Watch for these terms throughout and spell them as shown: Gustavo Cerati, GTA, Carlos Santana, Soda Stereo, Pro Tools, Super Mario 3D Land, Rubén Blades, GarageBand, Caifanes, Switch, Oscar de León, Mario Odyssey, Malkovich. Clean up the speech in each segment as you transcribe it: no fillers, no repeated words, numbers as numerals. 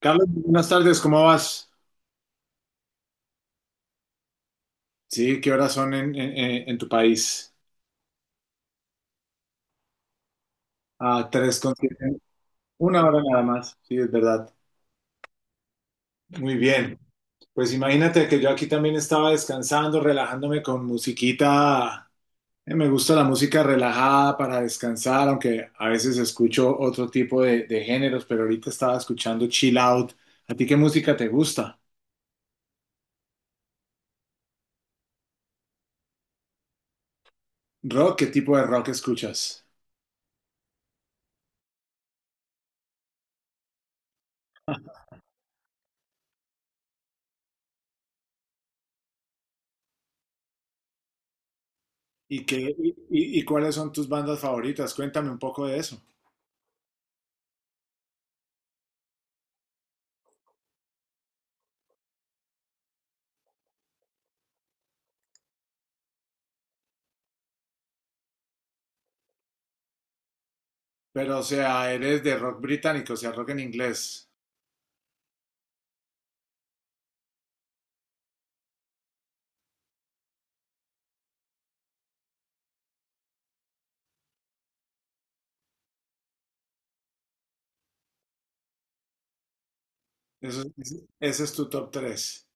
Carlos, buenas tardes, ¿cómo vas? Sí, ¿qué horas son en tu país? Ah, tres con siete, una hora nada más, sí, es verdad. Muy bien, pues imagínate que yo aquí también estaba descansando, relajándome con musiquita. Me gusta la música relajada para descansar, aunque a veces escucho otro tipo de géneros, pero ahorita estaba escuchando chill out. ¿A ti qué música te gusta? ¿Rock? ¿Qué tipo de rock escuchas? ¿Y cuáles son tus bandas favoritas? Cuéntame un poco de eso. Pero, o sea, eres de rock británico, o sea, rock en inglés. Eso, ese es tu top 3.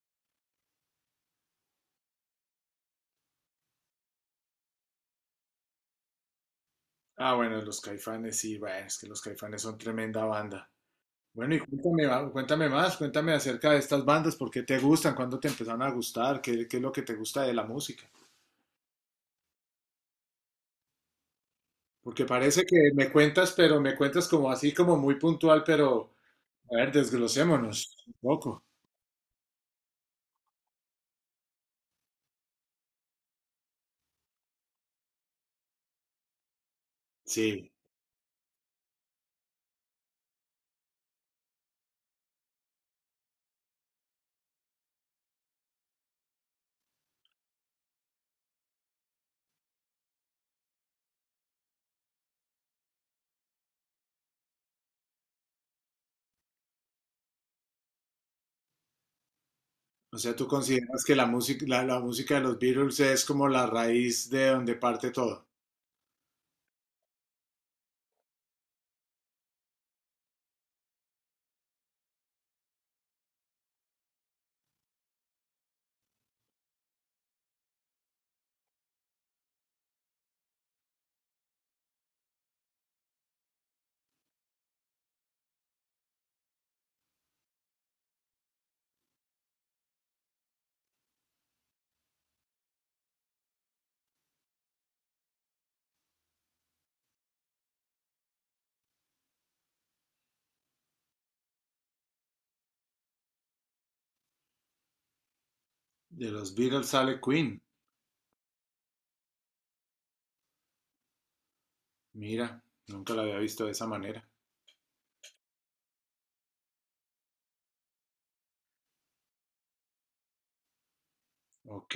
Ah, bueno, los Caifanes, sí, bueno, es que los Caifanes son tremenda banda. Bueno, y cuéntame, cuéntame más, cuéntame acerca de estas bandas, por qué te gustan, cuándo te empezaron a gustar, qué es lo que te gusta de la música. Porque parece que me cuentas, pero me cuentas como así, como muy puntual, pero a ver, desglosémonos un poco. Sí, o sea, tú consideras que la música, la música de los Beatles es como la raíz de donde parte todo. De los Beatles sale Queen. Mira, nunca la había visto de esa manera. Ok,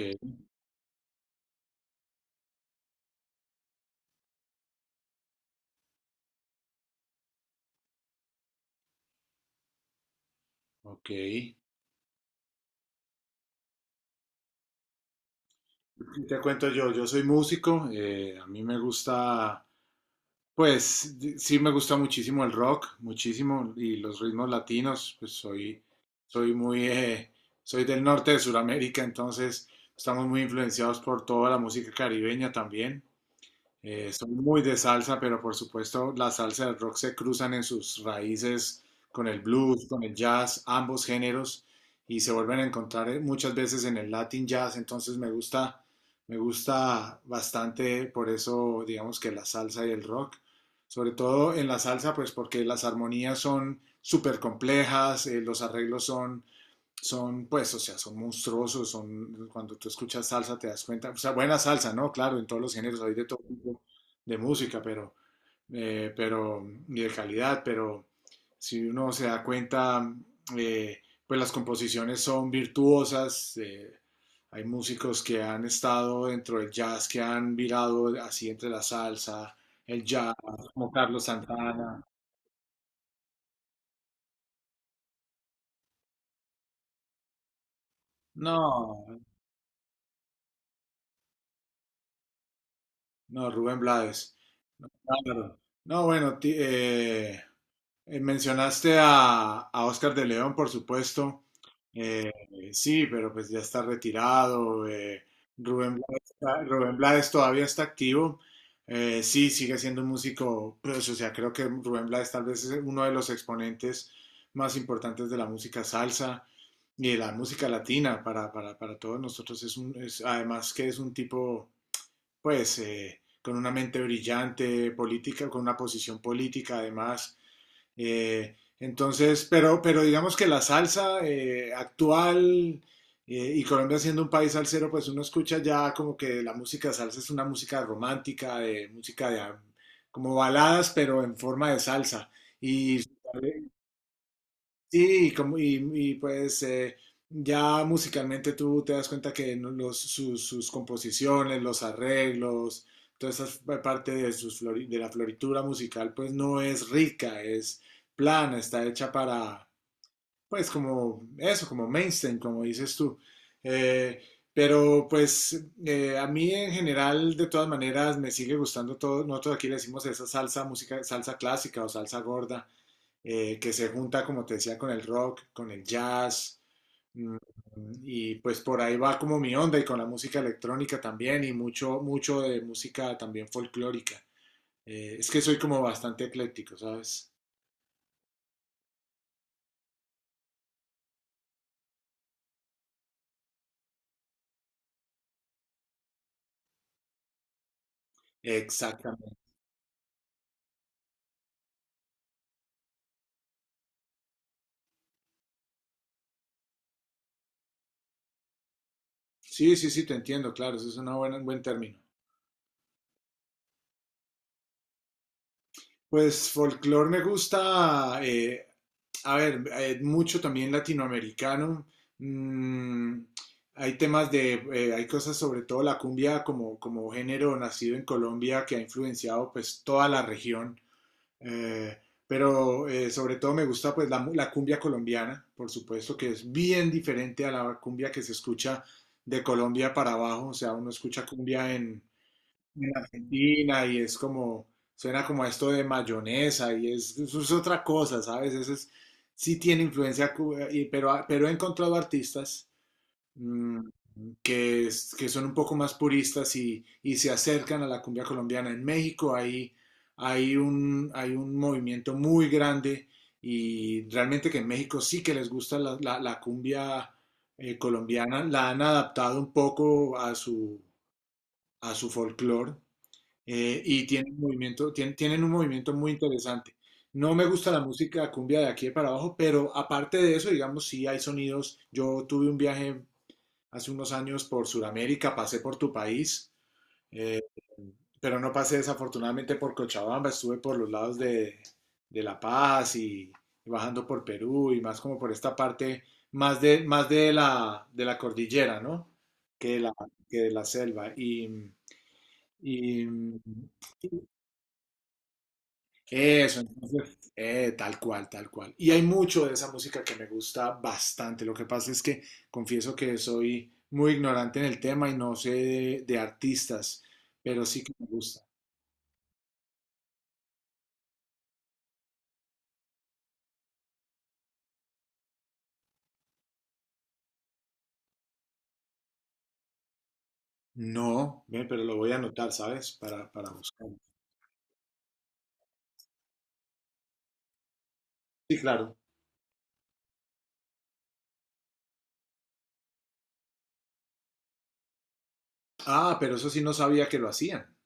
ok. ¿Qué Te cuento yo, soy músico, a mí me gusta, pues sí me gusta muchísimo el rock, muchísimo, y los ritmos latinos, pues soy muy, eh, soy del norte de Sudamérica, entonces estamos muy influenciados por toda la música caribeña también. Soy muy de salsa, pero por supuesto la salsa y el rock se cruzan en sus raíces con el blues, con el jazz, ambos géneros, y se vuelven a encontrar muchas veces en el Latin jazz, entonces me gusta bastante por eso, digamos que la salsa y el rock, sobre todo en la salsa, pues porque las armonías son súper complejas, los arreglos son, pues, o sea, son monstruosos, son, cuando tú escuchas salsa te das cuenta, o sea, buena salsa, ¿no? Claro, en todos los géneros hay de todo tipo de música, pero, y de calidad, pero si uno se da cuenta, eh, pues las composiciones son virtuosas, hay músicos que han estado dentro del jazz, que han virado así entre la salsa, el jazz, como Carlos Santana. No, no, Rubén Blades. No, claro. No, bueno, mencionaste a Oscar de León, por supuesto. Eh, sí, pero pues ya está retirado. Rubén Blades, Rubén Blades todavía está activo. Sí, sigue siendo un músico, pues, o sea, creo que Rubén Blades tal vez es uno de los exponentes más importantes de la música salsa y de la música latina para todos nosotros. Es un, es, además que es un tipo pues con una mente brillante política, con una posición política además. Entonces, pero digamos que la salsa actual y Colombia siendo un país salsero, pues uno escucha ya como que la música salsa es una música romántica, de música de como baladas, pero en forma de salsa. Y sí, y como, pues ya musicalmente tú te das cuenta que los, sus composiciones, los arreglos, toda esa parte de la floritura musical, pues no es rica, es plana, está hecha para, pues como eso, como mainstream, como dices tú. Eh, pero pues a mí en general, de todas maneras, me sigue gustando todo. Nosotros aquí le decimos esa salsa música, salsa clásica o salsa gorda que se junta, como te decía, con el rock, con el jazz, mm, y pues por ahí va como mi onda y con la música electrónica también y mucho, mucho de música también folclórica. Es que soy como bastante ecléctico, ¿sabes? Exactamente. Sí, sí, sí, te entiendo, claro, eso es una un buen término. Pues folclore me gusta, a ver, mucho también latinoamericano. Mm, Hay temas hay cosas sobre todo la cumbia como género nacido en Colombia que ha influenciado pues toda la región. Eh, pero sobre todo me gusta pues la cumbia colombiana, por supuesto, que es bien diferente a la cumbia que se escucha de Colombia para abajo. O sea, uno escucha cumbia en Argentina y es como, suena como a esto de mayonesa eso es otra cosa, ¿sabes? Eso es, sí tiene influencia, pero he encontrado artistas mm, que son un poco más puristas y se acercan a la cumbia colombiana. En México hay un movimiento muy grande y realmente que en México sí que les gusta la cumbia colombiana, la han adaptado un poco a su folclore y tienen movimiento, tienen un movimiento muy interesante. No me gusta la música cumbia de aquí de para abajo, pero aparte de eso, digamos, sí hay sonidos. Yo tuve un viaje hace unos años por Sudamérica, pasé por tu país, eh, pero no pasé desafortunadamente por Cochabamba, estuve por los lados de La Paz y bajando por Perú y más como por esta parte más de la cordillera, ¿no? Que de la, que de la selva. Y Eso, entonces, tal cual, tal cual. Y hay mucho de esa música que me gusta bastante. Lo que pasa es que confieso que soy muy ignorante en el tema y no sé de artistas, pero sí que me gusta. No, ve, pero lo voy a anotar, ¿sabes? Para buscarlo. Sí, claro. Ah, pero eso sí no sabía que lo hacían.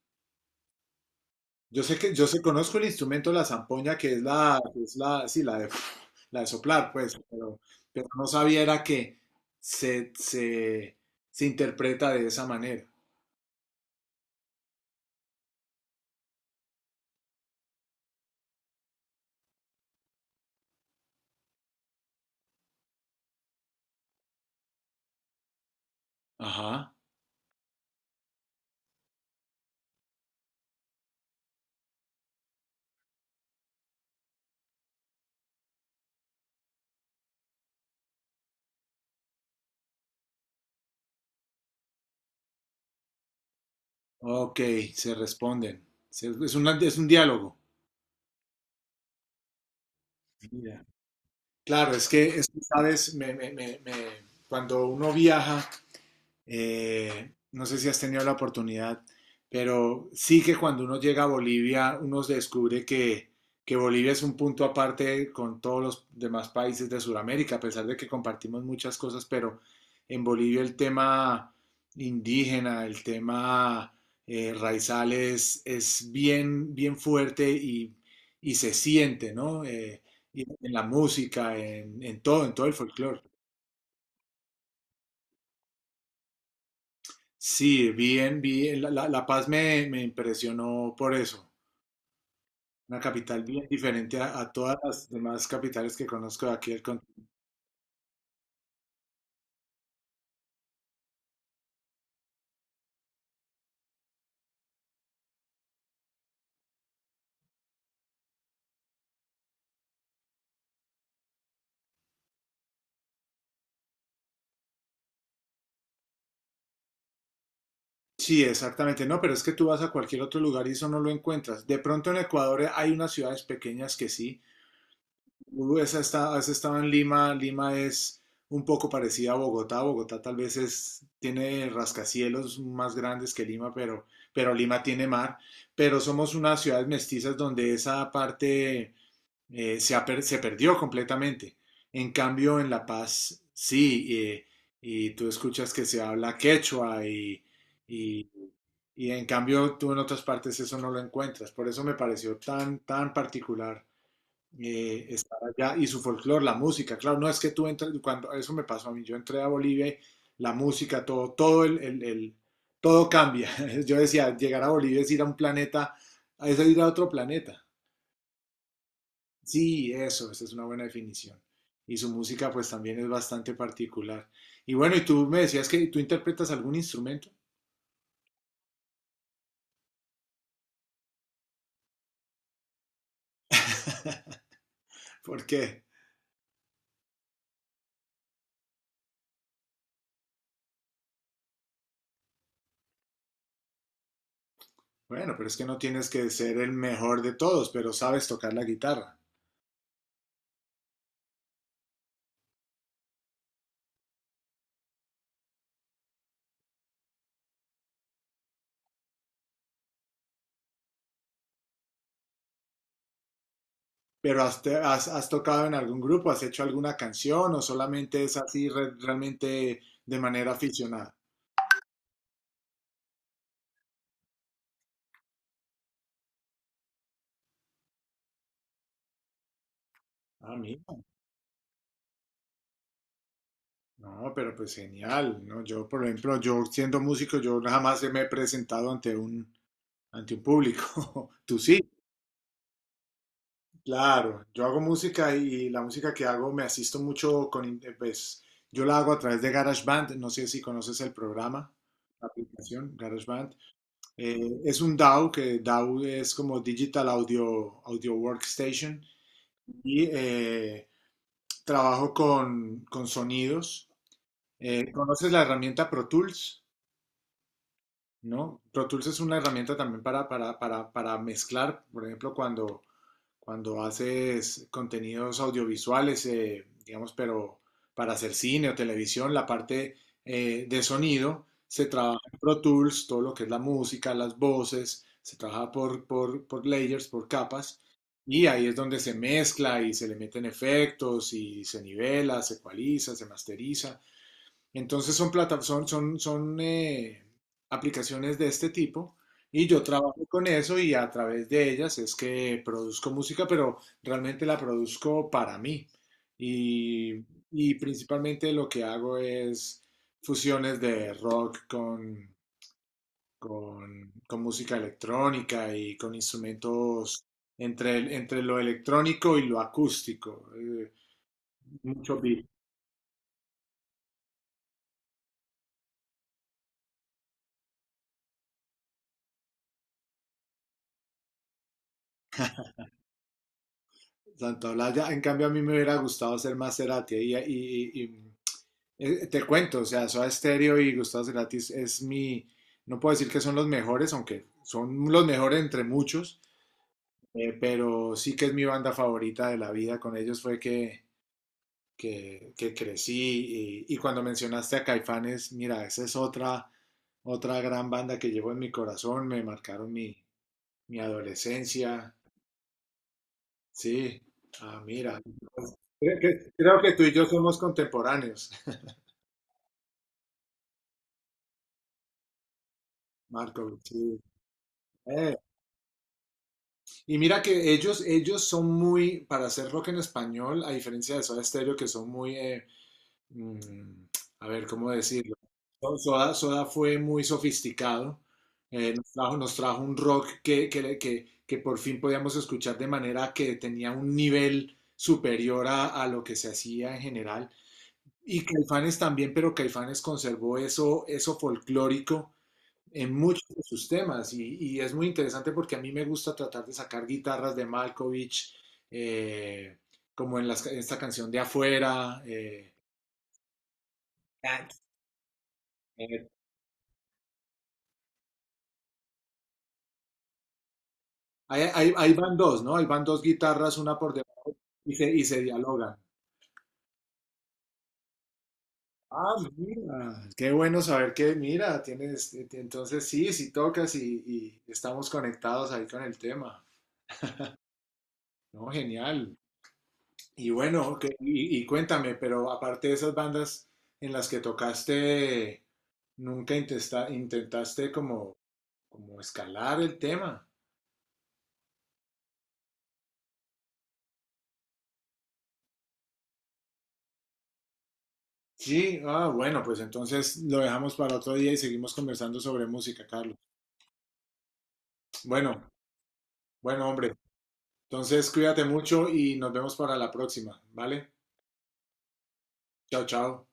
Yo sé, conozco el instrumento, la zampoña, que es la, sí, la de, la de soplar, pues, pero no sabía era que se, se, se interpreta de esa manera. Ajá. Ok, se responden. Es un diálogo. Mira. Claro, es que, sabes, cuando uno viaja, no sé si has tenido la oportunidad, pero sí que cuando uno llega a Bolivia, uno descubre que Bolivia es un punto aparte con todos los demás países de Sudamérica, a pesar de que compartimos muchas cosas, pero en Bolivia el tema indígena, el tema raizales es bien, bien fuerte y se siente, ¿no? Y en la música, en todo el folclore. Sí, bien, bien. La Paz me impresionó por eso. Una capital bien diferente a todas las demás capitales que conozco de aquí del continente. Sí, exactamente. No, pero es que tú vas a cualquier otro lugar y eso no lo encuentras. De pronto en Ecuador hay unas ciudades pequeñas que sí. Tú has has estado en Lima. Lima es un poco parecida a Bogotá. Bogotá tal vez tiene rascacielos más grandes que Lima, pero Lima tiene mar. Pero somos unas ciudades mestizas donde esa parte se perdió completamente. En cambio, en La Paz, sí, y tú escuchas que se habla quechua y- y en cambio tú en otras partes eso no lo encuentras. Por eso me pareció tan, tan particular estar allá y su folclore, la música. Claro, no es que tú entres, cuando eso me pasó a mí, yo entré a Bolivia y la música, todo, todo todo cambia. Yo decía, llegar a Bolivia es ir a un planeta, es ir a otro planeta. Sí, eso, esa es una buena definición. Y su música pues también es bastante particular. Y bueno, y tú me decías que tú interpretas algún instrumento. ¿Por qué? Bueno, pero es que no tienes que ser el mejor de todos, pero sabes tocar la guitarra. ¿Pero has tocado en algún grupo? ¿Has hecho alguna canción o solamente es así realmente de manera aficionada? Ah, mira. No, pero pues genial, ¿no? Yo, por ejemplo, yo siendo músico, yo jamás me he presentado ante un público. ¿Tú sí? Claro, yo hago música y la música que hago me asisto mucho pues yo la hago a través de GarageBand, no sé si conoces el programa, la aplicación GarageBand. Es un DAW, que DAW es como Digital Audio, Audio Workstation y trabajo con sonidos. ¿Conoces la herramienta Pro Tools? ¿No? Pro Tools es una herramienta también para mezclar, por ejemplo, cuando haces contenidos audiovisuales, digamos, pero para hacer cine o televisión, la parte de sonido se trabaja en Pro Tools, todo lo que es la música, las voces, se trabaja por layers, por capas, y ahí es donde se mezcla y se le meten efectos y se nivela, se ecualiza, se masteriza. Entonces son plata- son, son, son aplicaciones de este tipo y yo trabajo con eso y a través de ellas es que produzco música, pero realmente la produzco para mí. Y, y principalmente lo que hago es fusiones de rock con música electrónica y con instrumentos entre lo electrónico y lo acústico. Mucho beat. Santa En cambio a mí me hubiera gustado ser más Cerati te cuento, o sea, Soda Stereo y Gustavo Cerati no puedo decir que son los mejores, aunque son los mejores entre muchos, pero sí que es mi banda favorita de la vida, con ellos fue que crecí y cuando mencionaste a Caifanes, mira, esa es otra gran banda que llevo en mi corazón, me marcaron mi adolescencia. Sí, ah, mira. Creo que tú y yo somos contemporáneos, Marco. Sí. Eh, Y mira que ellos son muy, para hacer rock en español, a diferencia de Soda Stereo, que son muy, mm, a ver, ¿cómo decirlo? Soda fue muy sofisticado. Nos trajo, un rock que por fin podíamos escuchar de manera que tenía un nivel superior a lo que se hacía en general. Y Caifanes también, pero Caifanes conservó eso folclórico en muchos de sus temas y es muy interesante porque a mí me gusta tratar de sacar guitarras de Malkovich, eh, como en esta canción de Afuera. Ahí van dos, ¿no? Ahí van dos guitarras, una por debajo y se dialogan. Ah, mira, qué bueno saber que, mira, tienes, entonces sí, sí tocas y estamos conectados ahí con el tema, ¿no? Genial. Y bueno, ok, y cuéntame, pero aparte de esas bandas en las que tocaste, nunca intentaste como, escalar el tema. Sí, ah, bueno, pues entonces lo dejamos para otro día y seguimos conversando sobre música, Carlos. Bueno, bueno, hombre, entonces cuídate mucho y nos vemos para la próxima, ¿vale? Chao, chao.